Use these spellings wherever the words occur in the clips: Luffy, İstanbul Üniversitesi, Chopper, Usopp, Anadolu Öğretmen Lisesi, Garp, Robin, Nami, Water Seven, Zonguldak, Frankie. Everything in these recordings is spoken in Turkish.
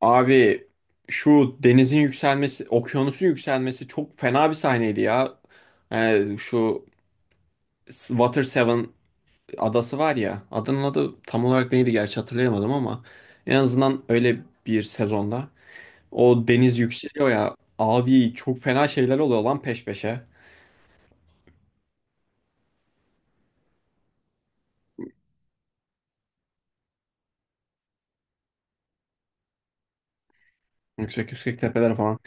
Abi, şu denizin yükselmesi, okyanusun yükselmesi çok fena bir sahneydi ya. Yani şu Water Seven adası var ya. Adanın adı tam olarak neydi gerçi hatırlayamadım ama en azından öyle bir sezonda o deniz yükseliyor ya. Abi çok fena şeyler oluyor lan peş peşe. Yüksek yüksek tepeler falan.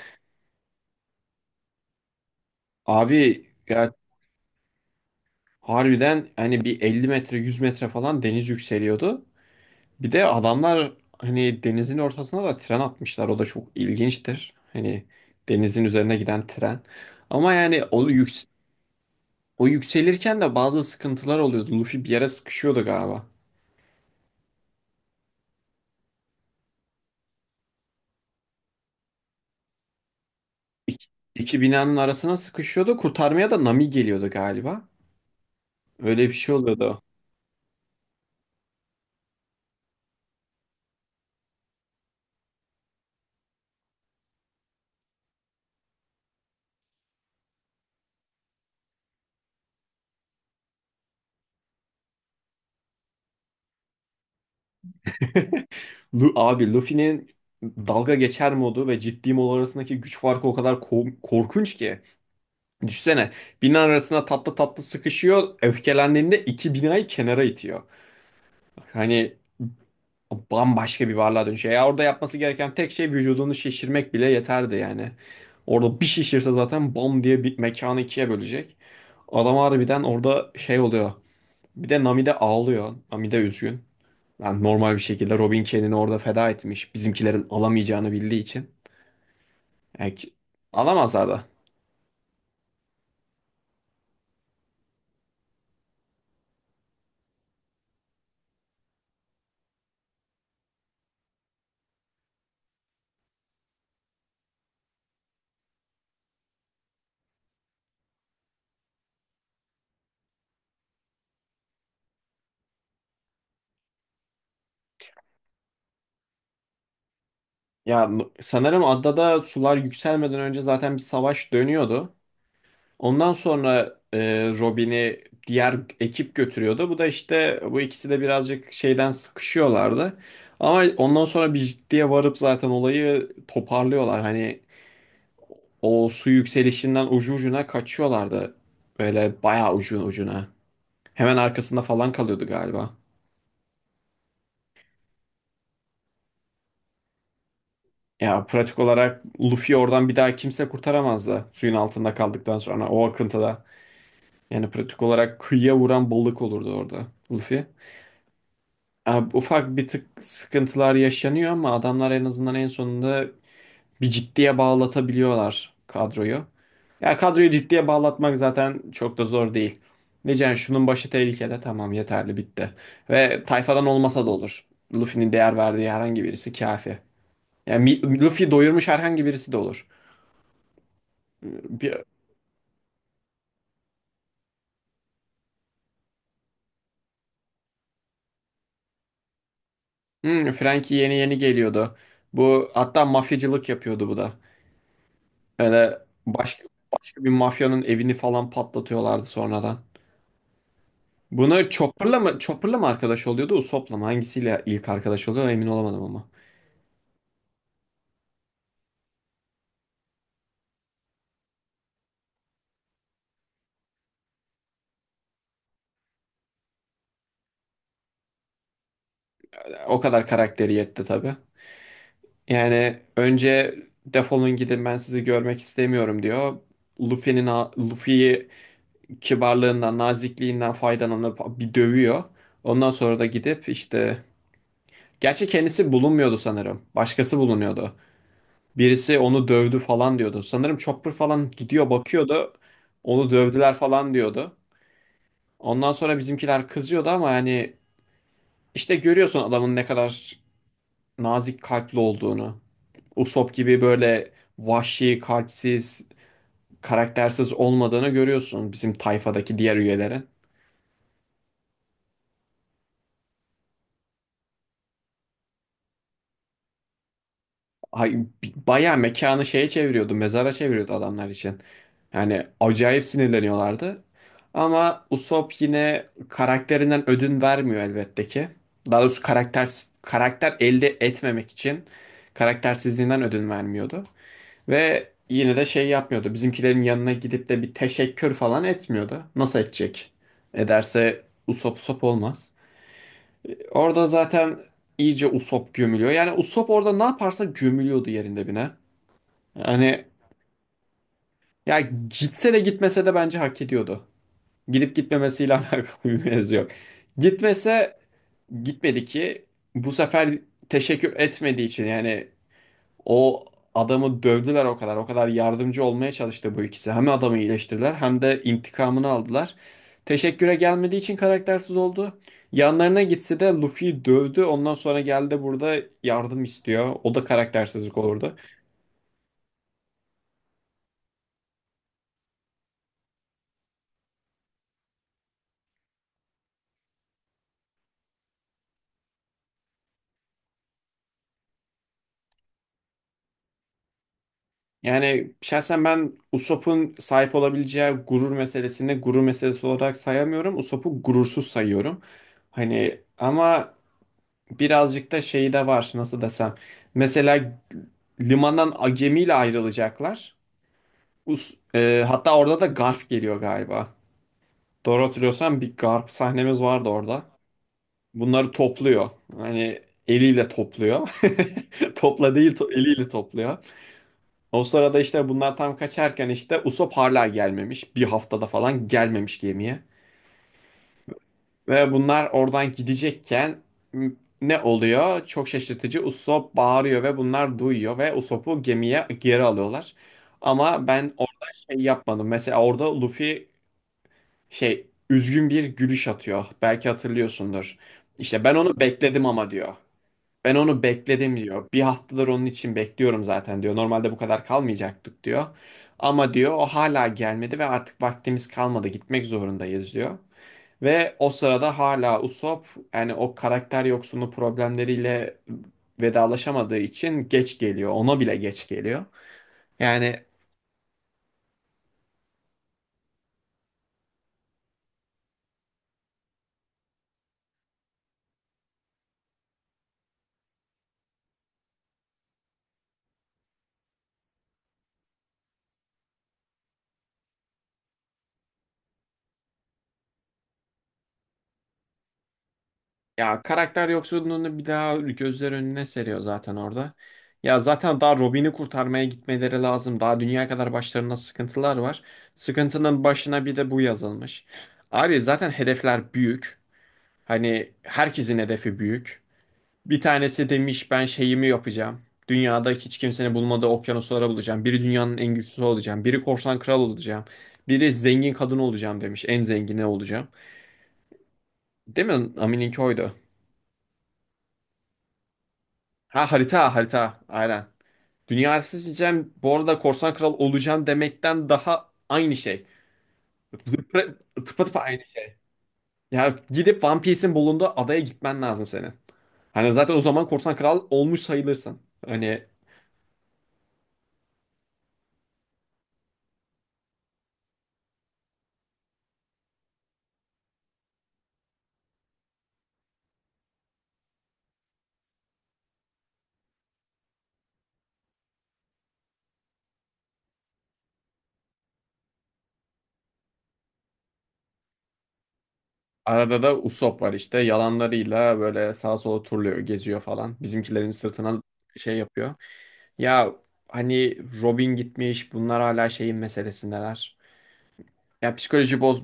Abi ya harbiden hani bir 50 metre 100 metre falan deniz yükseliyordu. Bir de adamlar hani denizin ortasına da tren atmışlar. O da çok ilginçtir. Hani denizin üzerine giden tren. Ama yani o, yüks O yükselirken de bazı sıkıntılar oluyordu. Luffy bir yere sıkışıyordu galiba. İki, iki binanın arasına sıkışıyordu. Kurtarmaya da Nami geliyordu galiba. Öyle bir şey oluyordu. Abi Luffy'nin dalga geçer modu ve ciddi mod arasındaki güç farkı o kadar korkunç ki. Düşsene, bina arasına tatlı tatlı sıkışıyor. Öfkelendiğinde iki binayı kenara itiyor. Hani bambaşka bir varlığa dönüşüyor. Ya orada yapması gereken tek şey vücudunu şişirmek bile yeterdi yani. Orada bir şişirse zaten bom diye bir mekanı ikiye bölecek. Adam harbiden orada şey oluyor. Bir de Nami de ağlıyor. Nami de üzgün. Yani normal bir şekilde Robin kendini orada feda etmiş, bizimkilerin alamayacağını bildiği için. Yani ki- Alamazlar da. Ya sanırım adada sular yükselmeden önce zaten bir savaş dönüyordu. Ondan sonra Robin'i diğer ekip götürüyordu. Bu da işte, bu ikisi de birazcık şeyden sıkışıyorlardı. Ama ondan sonra bir ciddiye varıp zaten olayı toparlıyorlar. Hani o su yükselişinden ucu ucuna kaçıyorlardı. Böyle bayağı ucu ucuna. Hemen arkasında falan kalıyordu galiba. Ya pratik olarak Luffy oradan bir daha kimse kurtaramazdı suyun altında kaldıktan sonra o akıntıda. Yani pratik olarak kıyıya vuran balık olurdu orada Luffy. Abi, ufak bir tık sıkıntılar yaşanıyor ama adamlar en azından en sonunda bir ciddiye bağlatabiliyorlar kadroyu. Ya kadroyu ciddiye bağlatmak zaten çok da zor değil. Diyeceksin, "Yani şunun başı tehlikede, tamam, yeterli, bitti. Ve tayfadan olmasa da olur. Luffy'nin değer verdiği herhangi birisi kafi. Yani Luffy doyurmuş herhangi birisi de olur. Bir, Frankie yeni yeni geliyordu. Bu hatta mafyacılık yapıyordu bu da. Öyle başka, başka bir mafyanın evini falan patlatıyorlardı sonradan. Buna Chopper'la mı, Chopper'la mı arkadaş oluyordu, Usopp'la mı? Hangisiyle ilk arkadaş oluyor emin olamadım ama. O kadar karakteri yetti tabii. Yani önce defolun gidin ben sizi görmek istemiyorum diyor. Luffy'nin Luffy'yi kibarlığından, nazikliğinden faydalanıp bir dövüyor. Ondan sonra da gidip işte, gerçi kendisi bulunmuyordu sanırım. Başkası bulunuyordu. Birisi onu dövdü falan diyordu. Sanırım Chopper falan gidiyor bakıyordu. Onu dövdüler falan diyordu. Ondan sonra bizimkiler kızıyordu ama yani işte görüyorsun adamın ne kadar nazik kalpli olduğunu. Usopp gibi böyle vahşi, kalpsiz, karaktersiz olmadığını görüyorsun bizim tayfadaki diğer üyelerin. Ay, Bayağı mekanı şeye çeviriyordu, mezara çeviriyordu adamlar için. Yani acayip sinirleniyorlardı. Ama Usopp yine karakterinden ödün vermiyor elbette ki. Daha doğrusu karakter elde etmemek için karaktersizliğinden ödün vermiyordu. Ve yine de şey yapmıyordu. Bizimkilerin yanına gidip de bir teşekkür falan etmiyordu. Nasıl edecek? Ederse Usop Usop olmaz. Orada zaten iyice Usop gömülüyor. Yani Usop orada ne yaparsa gömülüyordu yerinde bine. Hani ya, gitse de gitmese de bence hak ediyordu. Gidip gitmemesiyle alakalı bir mevzu yok. Gitmese gitmedi ki bu sefer, teşekkür etmediği için yani. O adamı dövdüler o kadar. O kadar yardımcı olmaya çalıştı bu ikisi. Hem adamı iyileştirdiler hem de intikamını aldılar. Teşekküre gelmediği için karaktersiz oldu. Yanlarına gitse de Luffy'yi dövdü. Ondan sonra geldi burada yardım istiyor. O da karaktersizlik olurdu. Yani şahsen ben Usopp'un sahip olabileceği gurur meselesini gurur meselesi olarak sayamıyorum. Usopp'u gurursuz sayıyorum. Hani ama birazcık da şeyi de var, nasıl desem. Mesela limandan gemiyle ayrılacaklar. Hatta orada da Garp geliyor galiba. Doğru hatırlıyorsam bir Garp sahnemiz vardı orada. Bunları topluyor. Hani eliyle topluyor. Topla değil to- Eliyle topluyor. O sırada işte bunlar tam kaçarken işte Usopp hala gelmemiş. Bir haftada falan gelmemiş gemiye. Ve bunlar oradan gidecekken m- ne oluyor? Çok şaşırtıcı. Usopp bağırıyor ve bunlar duyuyor ve Usopp'u gemiye geri alıyorlar. Ama ben orada şey yapmadım. Mesela orada Luffy, şey, üzgün bir gülüş atıyor. Belki hatırlıyorsundur. İşte ben onu bekledim ama diyor. Ben onu bekledim diyor. Bir haftadır onun için bekliyorum zaten diyor. Normalde bu kadar kalmayacaktık diyor. Ama diyor o hala gelmedi ve artık vaktimiz kalmadı. Gitmek zorundayız diyor. Ve o sırada hala Usopp yani o karakter yoksunu problemleriyle vedalaşamadığı için geç geliyor. Ona bile geç geliyor. Yani ya karakter yoksunluğunu bir daha gözler önüne seriyor zaten orada. Ya zaten daha Robin'i kurtarmaya gitmeleri lazım. Daha dünya kadar başlarında sıkıntılar var. Sıkıntının başına bir de bu yazılmış. Abi zaten hedefler büyük. Hani herkesin hedefi büyük. Bir tanesi demiş ben şeyimi yapacağım. Dünyada hiç kimsenin bulmadığı okyanuslara bulacağım. Biri dünyanın en güçlüsü olacağım. Biri korsan kral olacağım. Biri zengin kadın olacağım demiş. En zengini olacağım. Değil mi? Amin'inki oydu. Ha, harita harita. Aynen. Dünyayı seçeceğim. Bu arada korsan kral olacağım demekten daha aynı şey. Tıpa Tıpatıp aynı şey. Ya gidip One Piece'in bulunduğu adaya gitmen lazım senin. Hani zaten o zaman korsan kral olmuş sayılırsın. Hani arada da Usopp var işte. Yalanlarıyla böyle sağa sola turluyor, geziyor falan. Bizimkilerin sırtına şey yapıyor. Ya hani Robin gitmiş, bunlar hala şeyin meselesindeler. Ya psikoloji boz...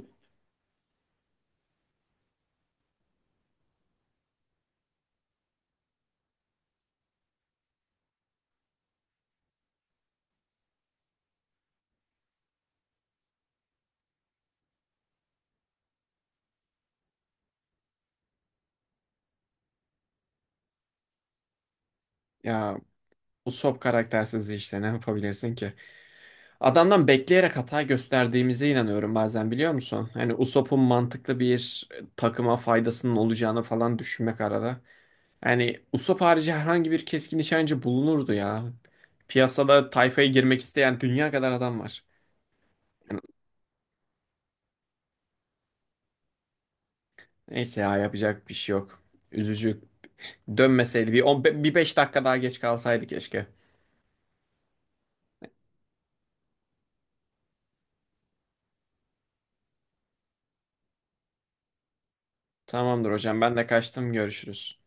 Ya Usopp karaktersiz işte, ne yapabilirsin ki? Adamdan bekleyerek hata gösterdiğimize inanıyorum bazen, biliyor musun? Hani Usopp'un mantıklı bir, takıma faydasının olacağını falan düşünmek arada. Yani Usopp harici herhangi bir keskin nişancı bulunurdu ya. Piyasada tayfaya girmek isteyen dünya kadar adam var. Yani neyse ya, yapacak bir şey yok. Üzücü. Dönmeseydi bir, on, bir beş dakika daha geç kalsaydı keşke. Tamamdır hocam, ben de kaçtım, görüşürüz.